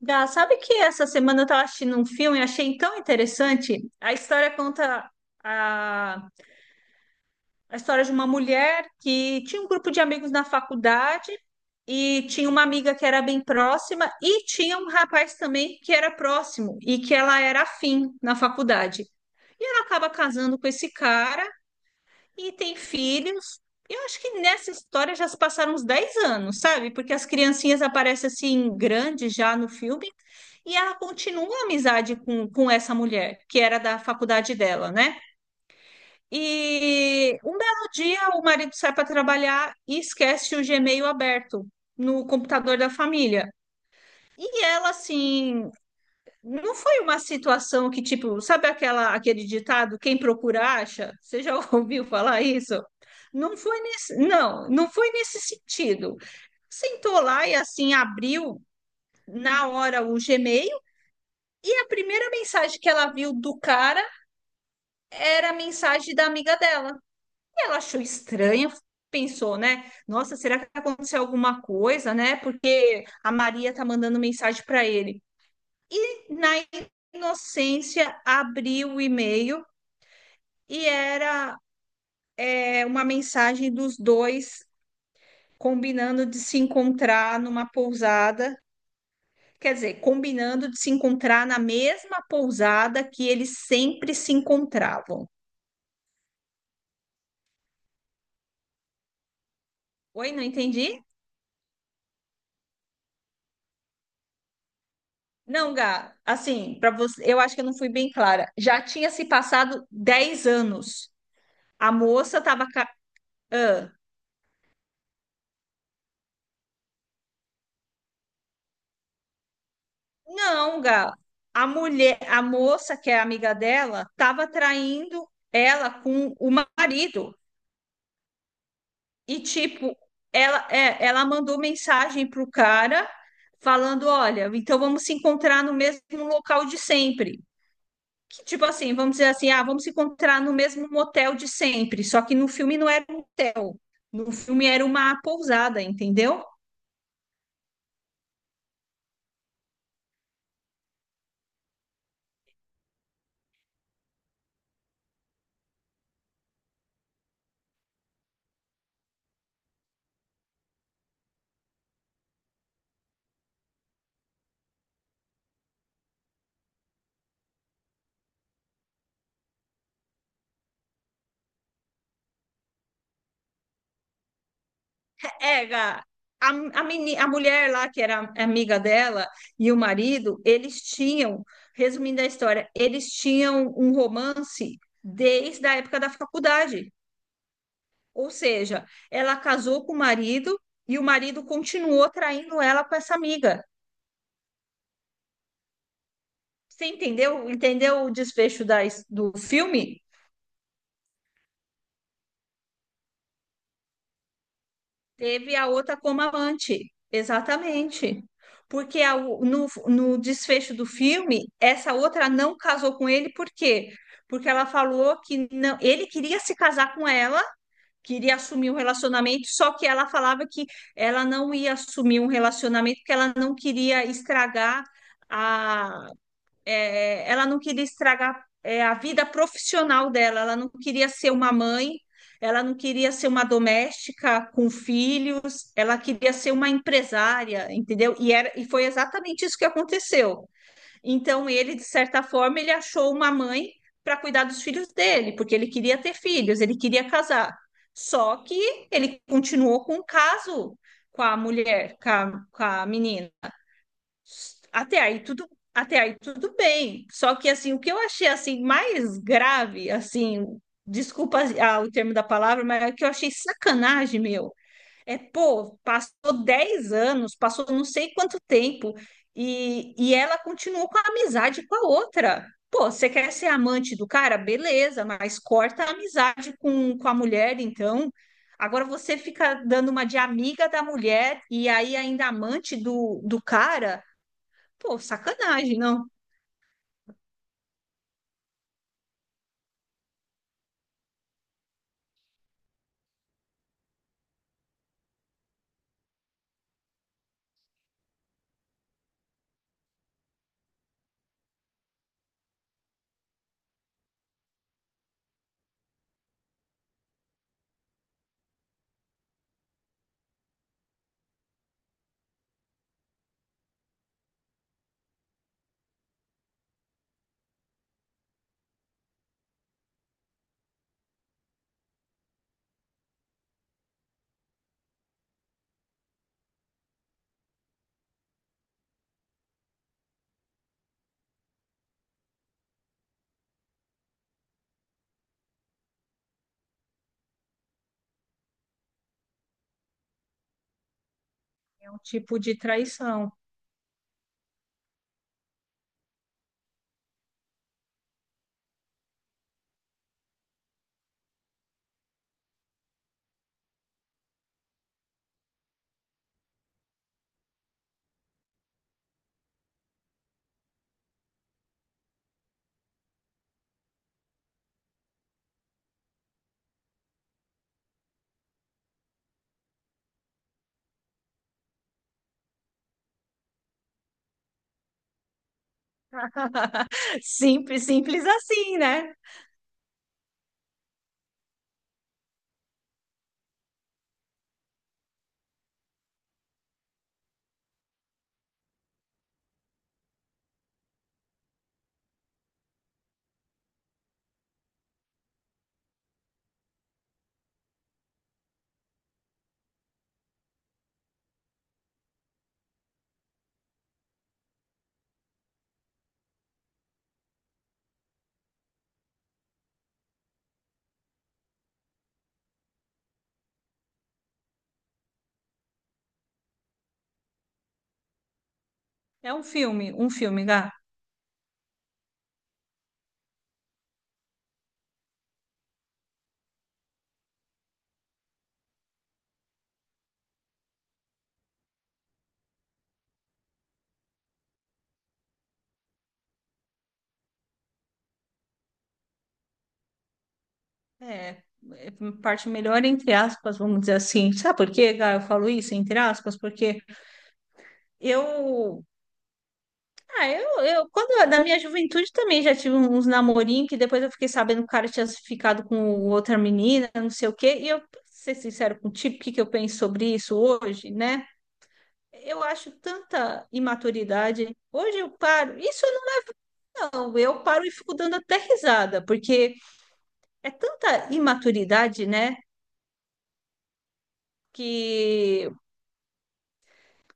Gá, sabe que essa semana eu estava assistindo um filme e achei tão interessante? A história conta a, a história de uma mulher que tinha um grupo de amigos na faculdade e tinha uma amiga que era bem próxima e tinha um rapaz também que era próximo e que ela era afim na faculdade. E ela acaba casando com esse cara e tem filhos. Eu acho que nessa história já se passaram uns 10 anos, sabe? Porque as criancinhas aparecem assim, grandes já no filme, e ela continua a amizade com essa mulher, que era da faculdade dela, né? E um belo dia o marido sai para trabalhar e esquece o Gmail aberto no computador da família. E ela, assim, não foi uma situação que, tipo, sabe aquela, aquele ditado, quem procura acha? Você já ouviu falar isso? Não foi nesse, não, não foi nesse sentido. Sentou lá e assim abriu na hora o Gmail e a primeira mensagem que ela viu do cara era a mensagem da amiga dela. E ela achou estranha, pensou, né? Nossa, será que aconteceu alguma coisa, né? Porque a Maria tá mandando mensagem para ele. Na inocência, abri o e-mail e era uma mensagem dos dois combinando de se encontrar numa pousada. Quer dizer, combinando de se encontrar na mesma pousada que eles sempre se encontravam. Oi, não entendi? Não, Gá, assim, para você, eu acho que eu não fui bem clara. Já tinha se passado 10 anos. A moça estava. Não, Gá. A mulher, a moça que é amiga dela, estava traindo ela com o marido. E tipo, ela mandou mensagem pro cara falando, olha, então vamos se encontrar no mesmo local de sempre. Que tipo assim, vamos dizer assim, ah, vamos se encontrar no mesmo motel de sempre, só que no filme não era um motel. No filme era uma pousada, entendeu? Era a, a mulher lá, que era amiga dela, e o marido, eles tinham, resumindo a história, eles tinham um romance desde a época da faculdade. Ou seja, ela casou com o marido e o marido continuou traindo ela com essa amiga. Você entendeu? Entendeu o desfecho do filme? Teve a outra como amante, exatamente. Porque a o- no, no desfecho do filme, essa outra não casou com ele, por quê? Porque ela falou que não, ele queria se casar com ela, queria assumir um relacionamento, só que ela falava que ela não ia assumir um relacionamento, porque ela não queria ela não queria a vida profissional dela, ela não queria ser uma mãe, ela não queria ser uma doméstica com filhos, ela queria ser uma empresária, entendeu? E foi exatamente isso que aconteceu. Então, ele, de certa forma, ele achou uma mãe para cuidar dos filhos dele, porque ele queria ter filhos, ele queria casar. Só que ele continuou com o caso com a mulher, com a menina. Até aí tudo, até aí tudo bem. Só que assim, o que eu achei assim mais grave, assim, desculpa o termo da palavra, mas é que eu achei sacanagem, meu. É, pô, passou 10 anos, passou não sei quanto tempo e ela continuou com a amizade com a outra. Pô, você quer ser amante do cara? Beleza, mas corta a amizade com a mulher, então. Agora você fica dando uma de amiga da mulher e aí ainda amante do cara. Pô, sacanagem, não? É um tipo de traição. Simples, simples assim, né? É um filme, Gá. É, é parte melhor entre aspas, vamos dizer assim. Sabe por quê, Gá? Eu falo isso entre aspas, porque eu, eu quando na minha juventude também já tive uns namorinhos que depois eu fiquei sabendo que o cara tinha ficado com outra menina, não sei o quê, e eu, pra ser sincero contigo, o que que eu penso sobre isso hoje, né? Eu acho tanta imaturidade. Hoje eu paro, isso eu não, não, eu paro e fico dando até risada, porque é tanta imaturidade, né? Que,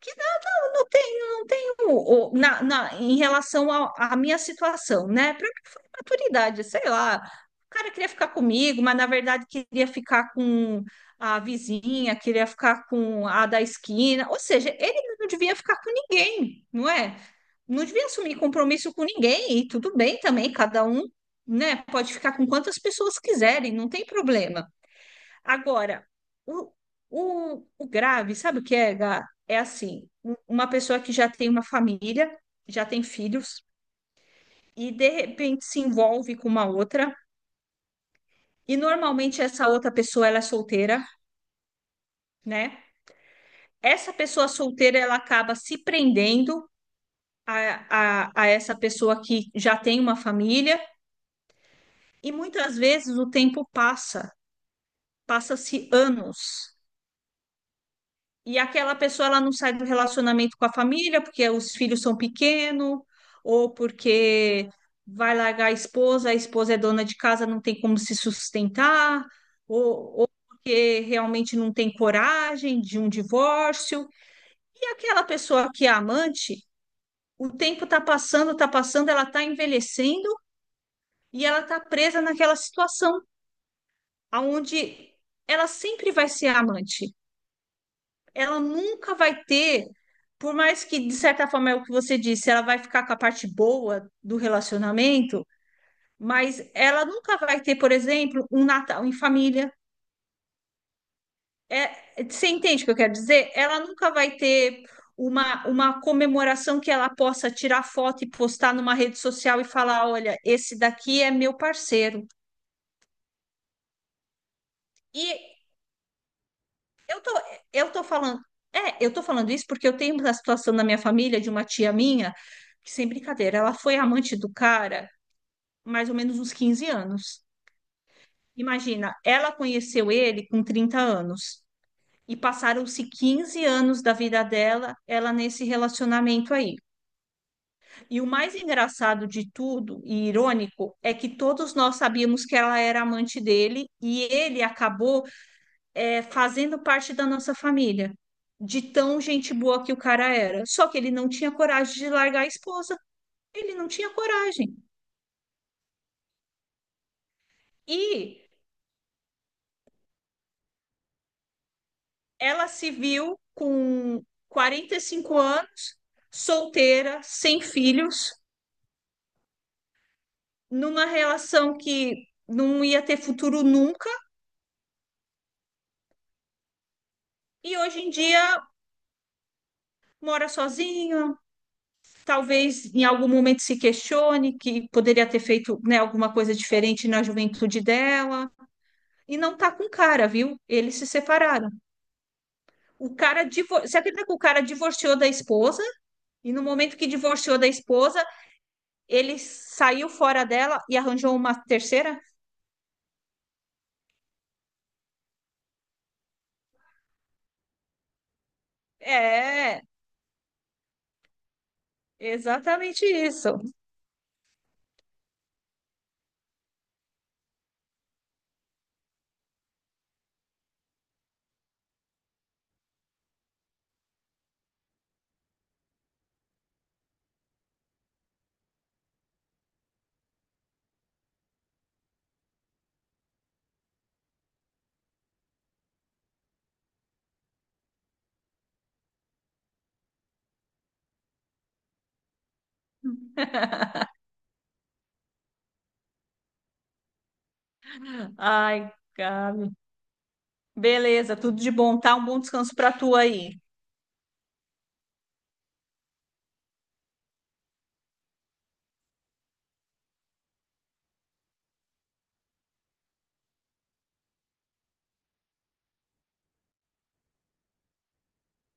que não tenho em relação à minha situação, né? Para que foi maturidade, sei lá. O cara queria ficar comigo, mas na verdade queria ficar com a vizinha, queria ficar com a da esquina. Ou seja, ele não devia ficar com ninguém, não é? Não devia assumir compromisso com ninguém, e tudo bem também, cada um, né, pode ficar com quantas pessoas quiserem, não tem problema. Agora, o, o grave, sabe o que é, Gá? É assim, uma pessoa que já tem uma família, já tem filhos, e de repente se envolve com uma outra, e normalmente essa outra pessoa ela é solteira, né? Essa pessoa solteira ela acaba se prendendo a essa pessoa que já tem uma família, e muitas vezes o tempo passa, passa-se anos. E aquela pessoa ela não sai do relacionamento com a família porque os filhos são pequenos, ou porque vai largar a esposa é dona de casa, não tem como se sustentar, ou porque realmente não tem coragem de um divórcio. E aquela pessoa que é amante, o tempo está passando, ela está envelhecendo e ela está presa naquela situação, aonde ela sempre vai ser amante. Ela nunca vai ter, por mais que, de certa forma, é o que você disse, ela vai ficar com a parte boa do relacionamento, mas ela nunca vai ter, por exemplo, um Natal em família. É, você entende o que eu quero dizer? Ela nunca vai ter uma comemoração que ela possa tirar foto e postar numa rede social e falar: olha, esse daqui é meu parceiro. E eu tô, eu tô falando, eu tô falando isso porque eu tenho uma situação na minha família de uma tia minha, que sem brincadeira, ela foi amante do cara mais ou menos uns 15 anos. Imagina, ela conheceu ele com 30 anos e passaram-se 15 anos da vida dela, ela nesse relacionamento aí. E o mais engraçado de tudo e irônico é que todos nós sabíamos que ela era amante dele e ele acabou fazendo parte da nossa família, de tão gente boa que o cara era. Só que ele não tinha coragem de largar a esposa, ele não tinha coragem. E ela se viu com 45 anos, solteira, sem filhos, numa relação que não ia ter futuro nunca, e hoje em dia mora sozinha, talvez em algum momento se questione que poderia ter feito, né, alguma coisa diferente na juventude dela e não tá com cara, viu? Eles se separaram. O cara divor... Você acredita que o cara divorciou da esposa? E no momento que divorciou da esposa, ele saiu fora dela e arranjou uma terceira? É, exatamente isso. Ai, Gabi. Beleza, tudo de bom, tá? Um bom descanso pra tu aí.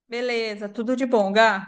Beleza, tudo de bom, Gá.